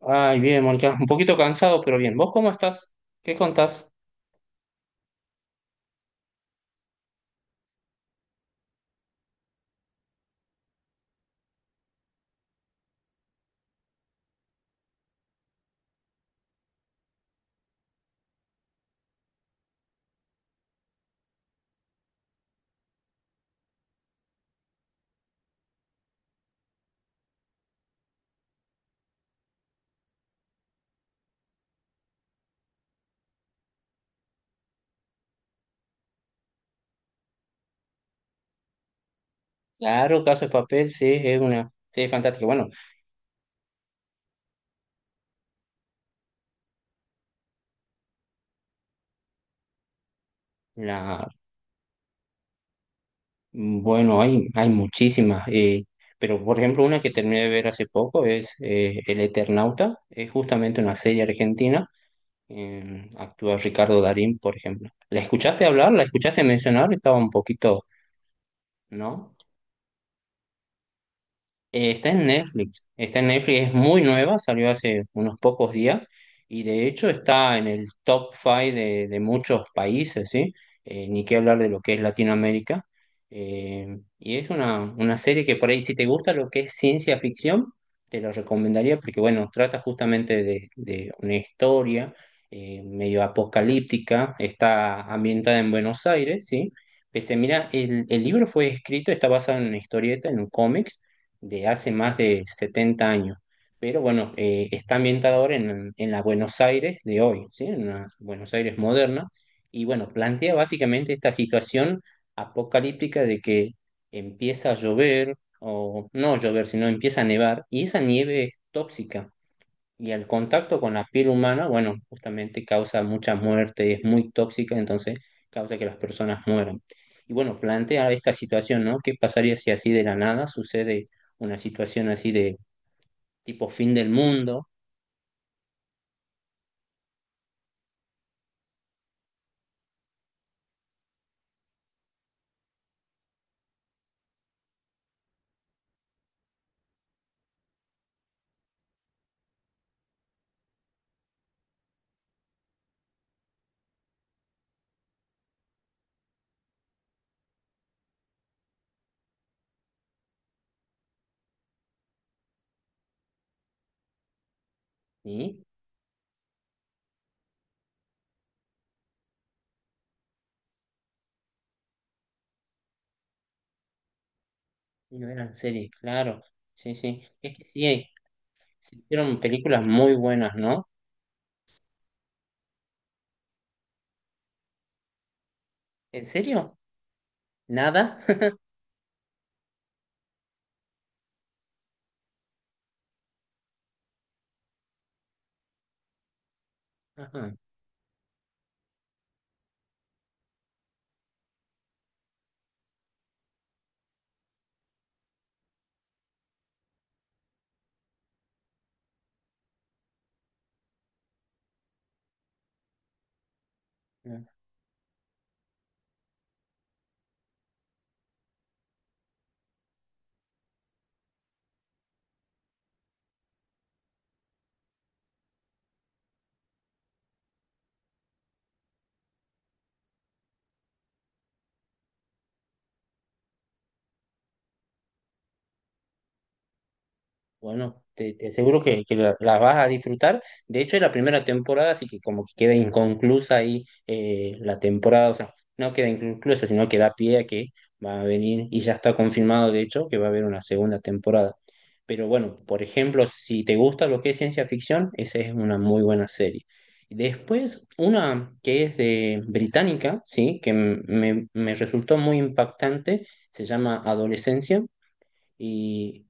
Ay, bien, Mónica. Un poquito cansado, pero bien. ¿Vos cómo estás? ¿Qué contás? Claro, Caso de Papel, sí, es una serie fantástica. Bueno, la, bueno, hay muchísimas. Pero, por ejemplo, una que terminé de ver hace poco es El Eternauta. Es justamente una serie argentina. Actúa Ricardo Darín, por ejemplo. ¿La escuchaste hablar? ¿La escuchaste mencionar? Estaba un poquito, ¿no? Está en Netflix, está en Netflix, es muy nueva, salió hace unos pocos días y de hecho está en el top 5 de muchos países, ¿sí? Ni qué hablar de lo que es Latinoamérica. Y es una serie que por ahí, si te gusta lo que es ciencia ficción, te lo recomendaría porque, bueno, trata justamente de una historia medio apocalíptica, está ambientada en Buenos Aires, ¿sí? Pese, mira, el libro fue escrito, está basado en una historieta, en un cómic de hace más de 70 años. Pero bueno, está ambientada ahora en la Buenos Aires de hoy, ¿sí? En la Buenos Aires moderna. Y bueno, plantea básicamente esta situación apocalíptica de que empieza a llover, o no llover, sino empieza a nevar, y esa nieve es tóxica. Y el contacto con la piel humana, bueno, justamente causa mucha muerte, es muy tóxica, entonces causa que las personas mueran. Y bueno, plantea esta situación, ¿no? ¿Qué pasaría si así de la nada sucede una situación así de tipo fin del mundo? ¿Sí? Y no eran series, claro. Sí, sí. Es que sí, se hicieron películas muy buenas, ¿no? ¿En serio? ¿Nada? Ajá. No. Bueno, te aseguro que la vas a disfrutar. De hecho, es la primera temporada, así que como que queda inconclusa ahí, la temporada, o sea, no queda inconclusa, sino que da pie a que va a venir, y ya está confirmado, de hecho, que va a haber una segunda temporada. Pero bueno, por ejemplo, si te gusta lo que es ciencia ficción, esa es una muy buena serie. Después, una que es de británica, sí, que me resultó muy impactante, se llama Adolescencia y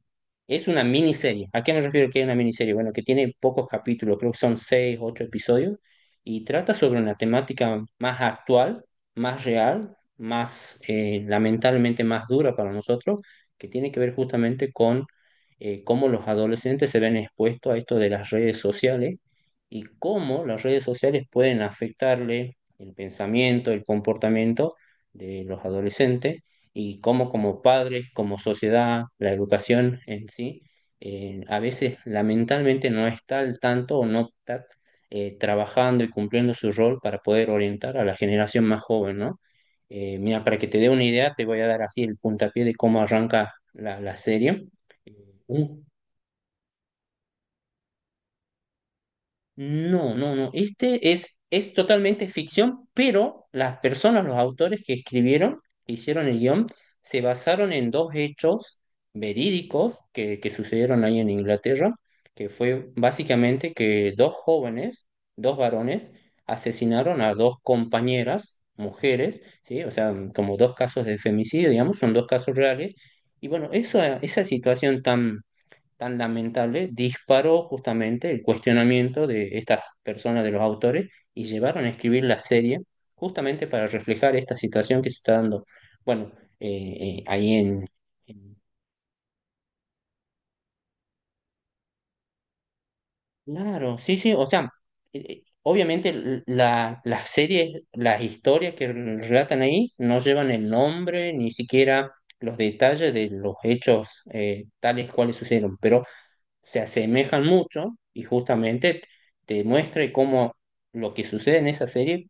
es una miniserie. ¿A qué me refiero que es una miniserie? Bueno, que tiene pocos capítulos, creo que son 6, 8 episodios, y trata sobre una temática más actual, más real, más, lamentablemente, más dura para nosotros, que tiene que ver justamente con cómo los adolescentes se ven expuestos a esto de las redes sociales, y cómo las redes sociales pueden afectarle el pensamiento, el comportamiento de los adolescentes, y cómo como padres, como sociedad, la educación en sí, a veces lamentablemente no está al tanto o no está trabajando y cumpliendo su rol para poder orientar a la generación más joven, ¿no? Mira, para que te dé una idea, te voy a dar así el puntapié de cómo arranca la serie. Eh, Un No, no, no. Este es totalmente ficción, pero las personas, los autores que escribieron, que hicieron el guión, se basaron en dos hechos verídicos que sucedieron ahí en Inglaterra, que fue básicamente que dos jóvenes, dos varones, asesinaron a dos compañeras, mujeres, ¿sí? O sea, como dos casos de femicidio, digamos, son dos casos reales. Y bueno, eso, esa situación tan tan lamentable disparó justamente el cuestionamiento de estas personas, de los autores, y llevaron a escribir la serie justamente para reflejar esta situación que se está dando. Bueno, ahí en- claro, sí, sí, o sea, obviamente, las series, las historias que relatan ahí no llevan el nombre, ni siquiera los detalles de los hechos tales cuales sucedieron, pero se asemejan mucho, y justamente te muestra cómo lo que sucede en esa serie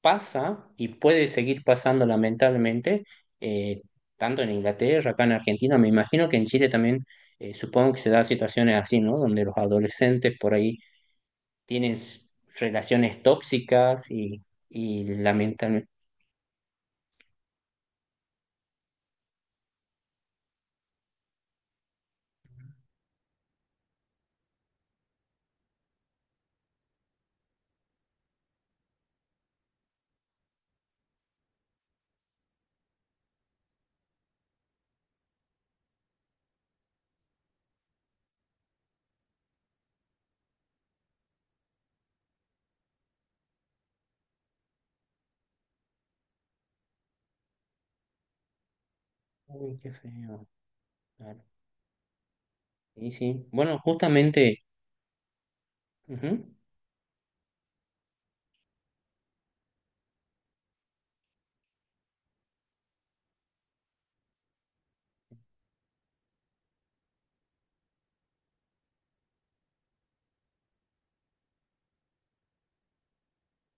pasa y puede seguir pasando lamentablemente, eh, tanto en Inglaterra, acá en Argentina, me imagino que en Chile también. Supongo que se dan situaciones así, ¿no? Donde los adolescentes por ahí tienen relaciones tóxicas, y lamentablemente... Uy, qué feo. Claro. Sí, sí. Bueno, justamente... Ujú,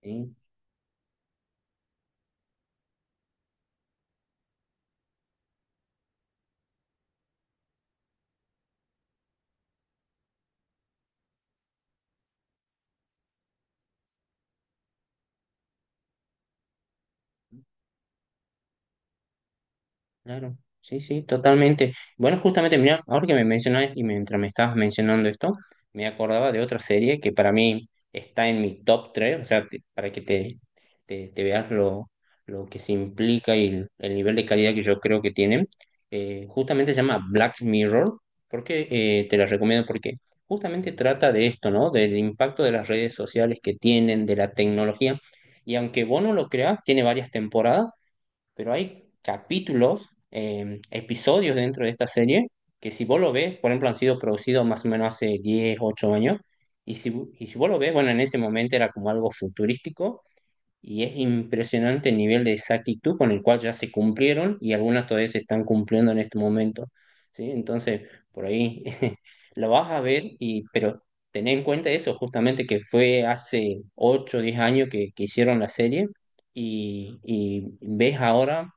sí. Claro, sí, sí, totalmente. Bueno, justamente, mira, ahora que me mencionas, y mientras me estabas mencionando esto, me acordaba de otra serie que para mí está en mi top 3. O sea, para que te veas lo que se implica y el nivel de calidad que yo creo que tienen. Justamente se llama Black Mirror, porque te la recomiendo, porque justamente trata de esto, ¿no? Del impacto de las redes sociales que tienen, de la tecnología. Y aunque vos no lo creas, tiene varias temporadas, pero hay capítulos, episodios dentro de esta serie que, si vos lo ves, por ejemplo, han sido producidos más o menos hace 10 8 años, y si, y si vos lo ves, bueno, en ese momento era como algo futurístico, y es impresionante el nivel de exactitud con el cual ya se cumplieron, y algunas todavía se están cumpliendo en este momento, ¿sí? Entonces, por ahí lo vas a ver, pero tener en cuenta eso, justamente que fue hace ocho o 10 años que, hicieron la serie, y ves ahora.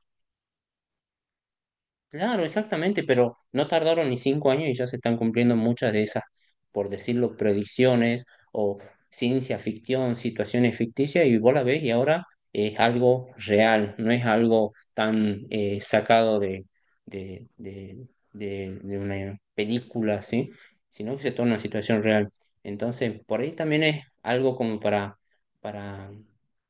Claro, exactamente, pero no tardaron ni 5 años y ya se están cumpliendo muchas de esas, por decirlo, predicciones, o ciencia ficción, situaciones ficticias, y vos la ves, y ahora es algo real, no es algo tan, sacado de, de, de una película, ¿sí? Sino que se torna una situación real. Entonces, por ahí también es algo como para, para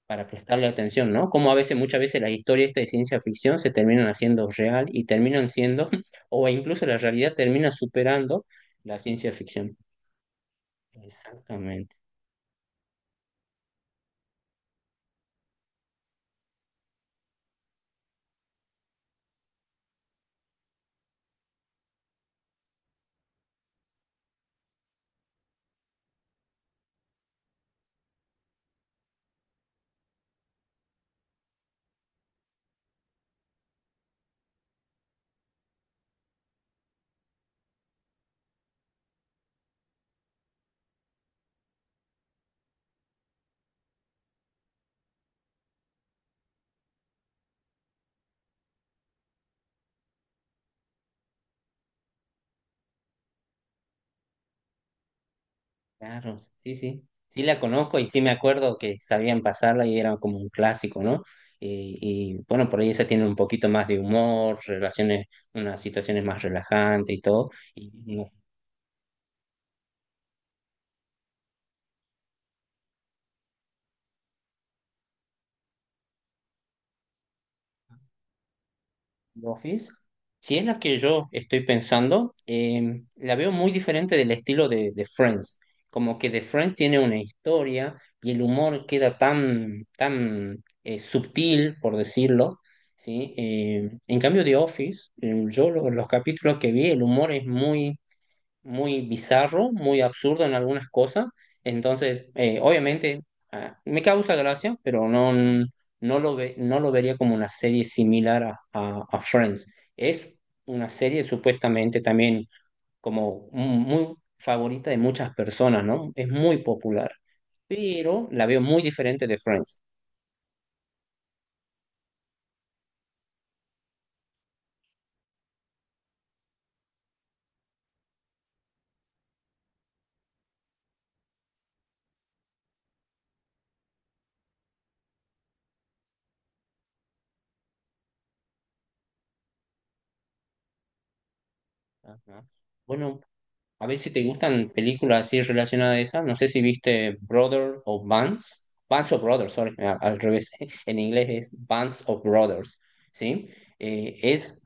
para prestarle atención, ¿no? Como a veces, muchas veces, las historias estas de ciencia ficción se terminan haciendo real y terminan siendo, o incluso la realidad termina superando la ciencia ficción. Exactamente, claro, sí, sí. Sí la conozco, y sí me acuerdo que sabían pasarla, y era como un clásico, ¿no? Y, bueno, por ahí esa tiene un poquito más de humor, relaciones, unas situaciones más relajantes y todo. Y no. ¿Vos vis? Si es la que yo estoy pensando, la veo muy diferente del estilo de Friends. Como que The Friends tiene una historia y el humor queda tan, tan, subtil, por decirlo, ¿sí? En cambio, The Office, yo los capítulos que vi, el humor es muy muy bizarro, muy absurdo en algunas cosas. Entonces, obviamente, me causa gracia, pero no, no lo vería como una serie similar a Friends. Es una serie supuestamente también como muy favorita de muchas personas, ¿no? Es muy popular, pero la veo muy diferente de Friends. Ajá. Bueno, a ver si te gustan películas así relacionadas a esas. No sé si viste Brother o Bands. Bands of Brothers, sorry, al revés. En inglés es Bands of Brothers, ¿sí? Es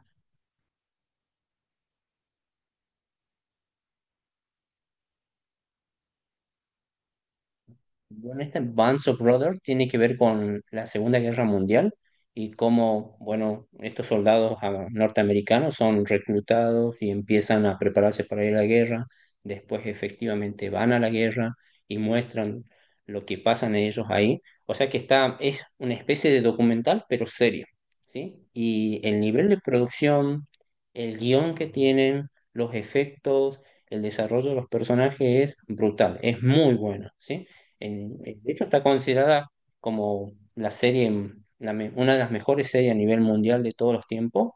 Bueno, esta Bands of Brothers tiene que ver con la Segunda Guerra Mundial, y cómo, bueno, estos soldados, norteamericanos, son reclutados y empiezan a prepararse para ir a la guerra, después efectivamente van a la guerra y muestran lo que pasan ellos ahí. O sea que está, es una especie de documental, pero serio, ¿sí? Y el nivel de producción, el guión que tienen, los efectos, el desarrollo de los personajes es brutal, es muy bueno, ¿sí? De hecho, está considerada como la serie, una de las mejores series a nivel mundial de todos los tiempos,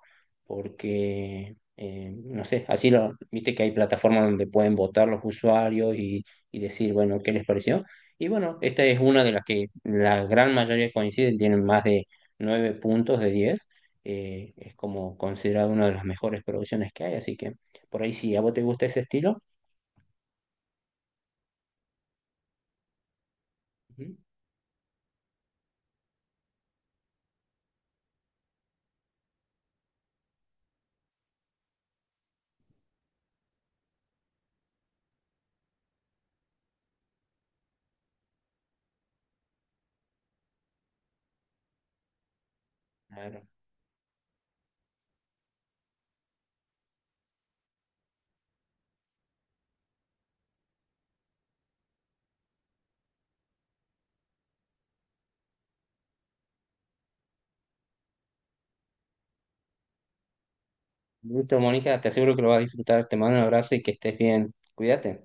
porque, no sé, así lo, viste que hay plataformas donde pueden votar los usuarios y decir, bueno, ¿qué les pareció? Y bueno, esta es una de las que la gran mayoría coinciden, tienen más de 9 puntos de 10. Es como considerada una de las mejores producciones que hay, así que por ahí, si a vos te gusta ese estilo, ujú. Listo, Mónica, te aseguro que lo vas a disfrutar. Te mando un abrazo y que estés bien. Cuídate.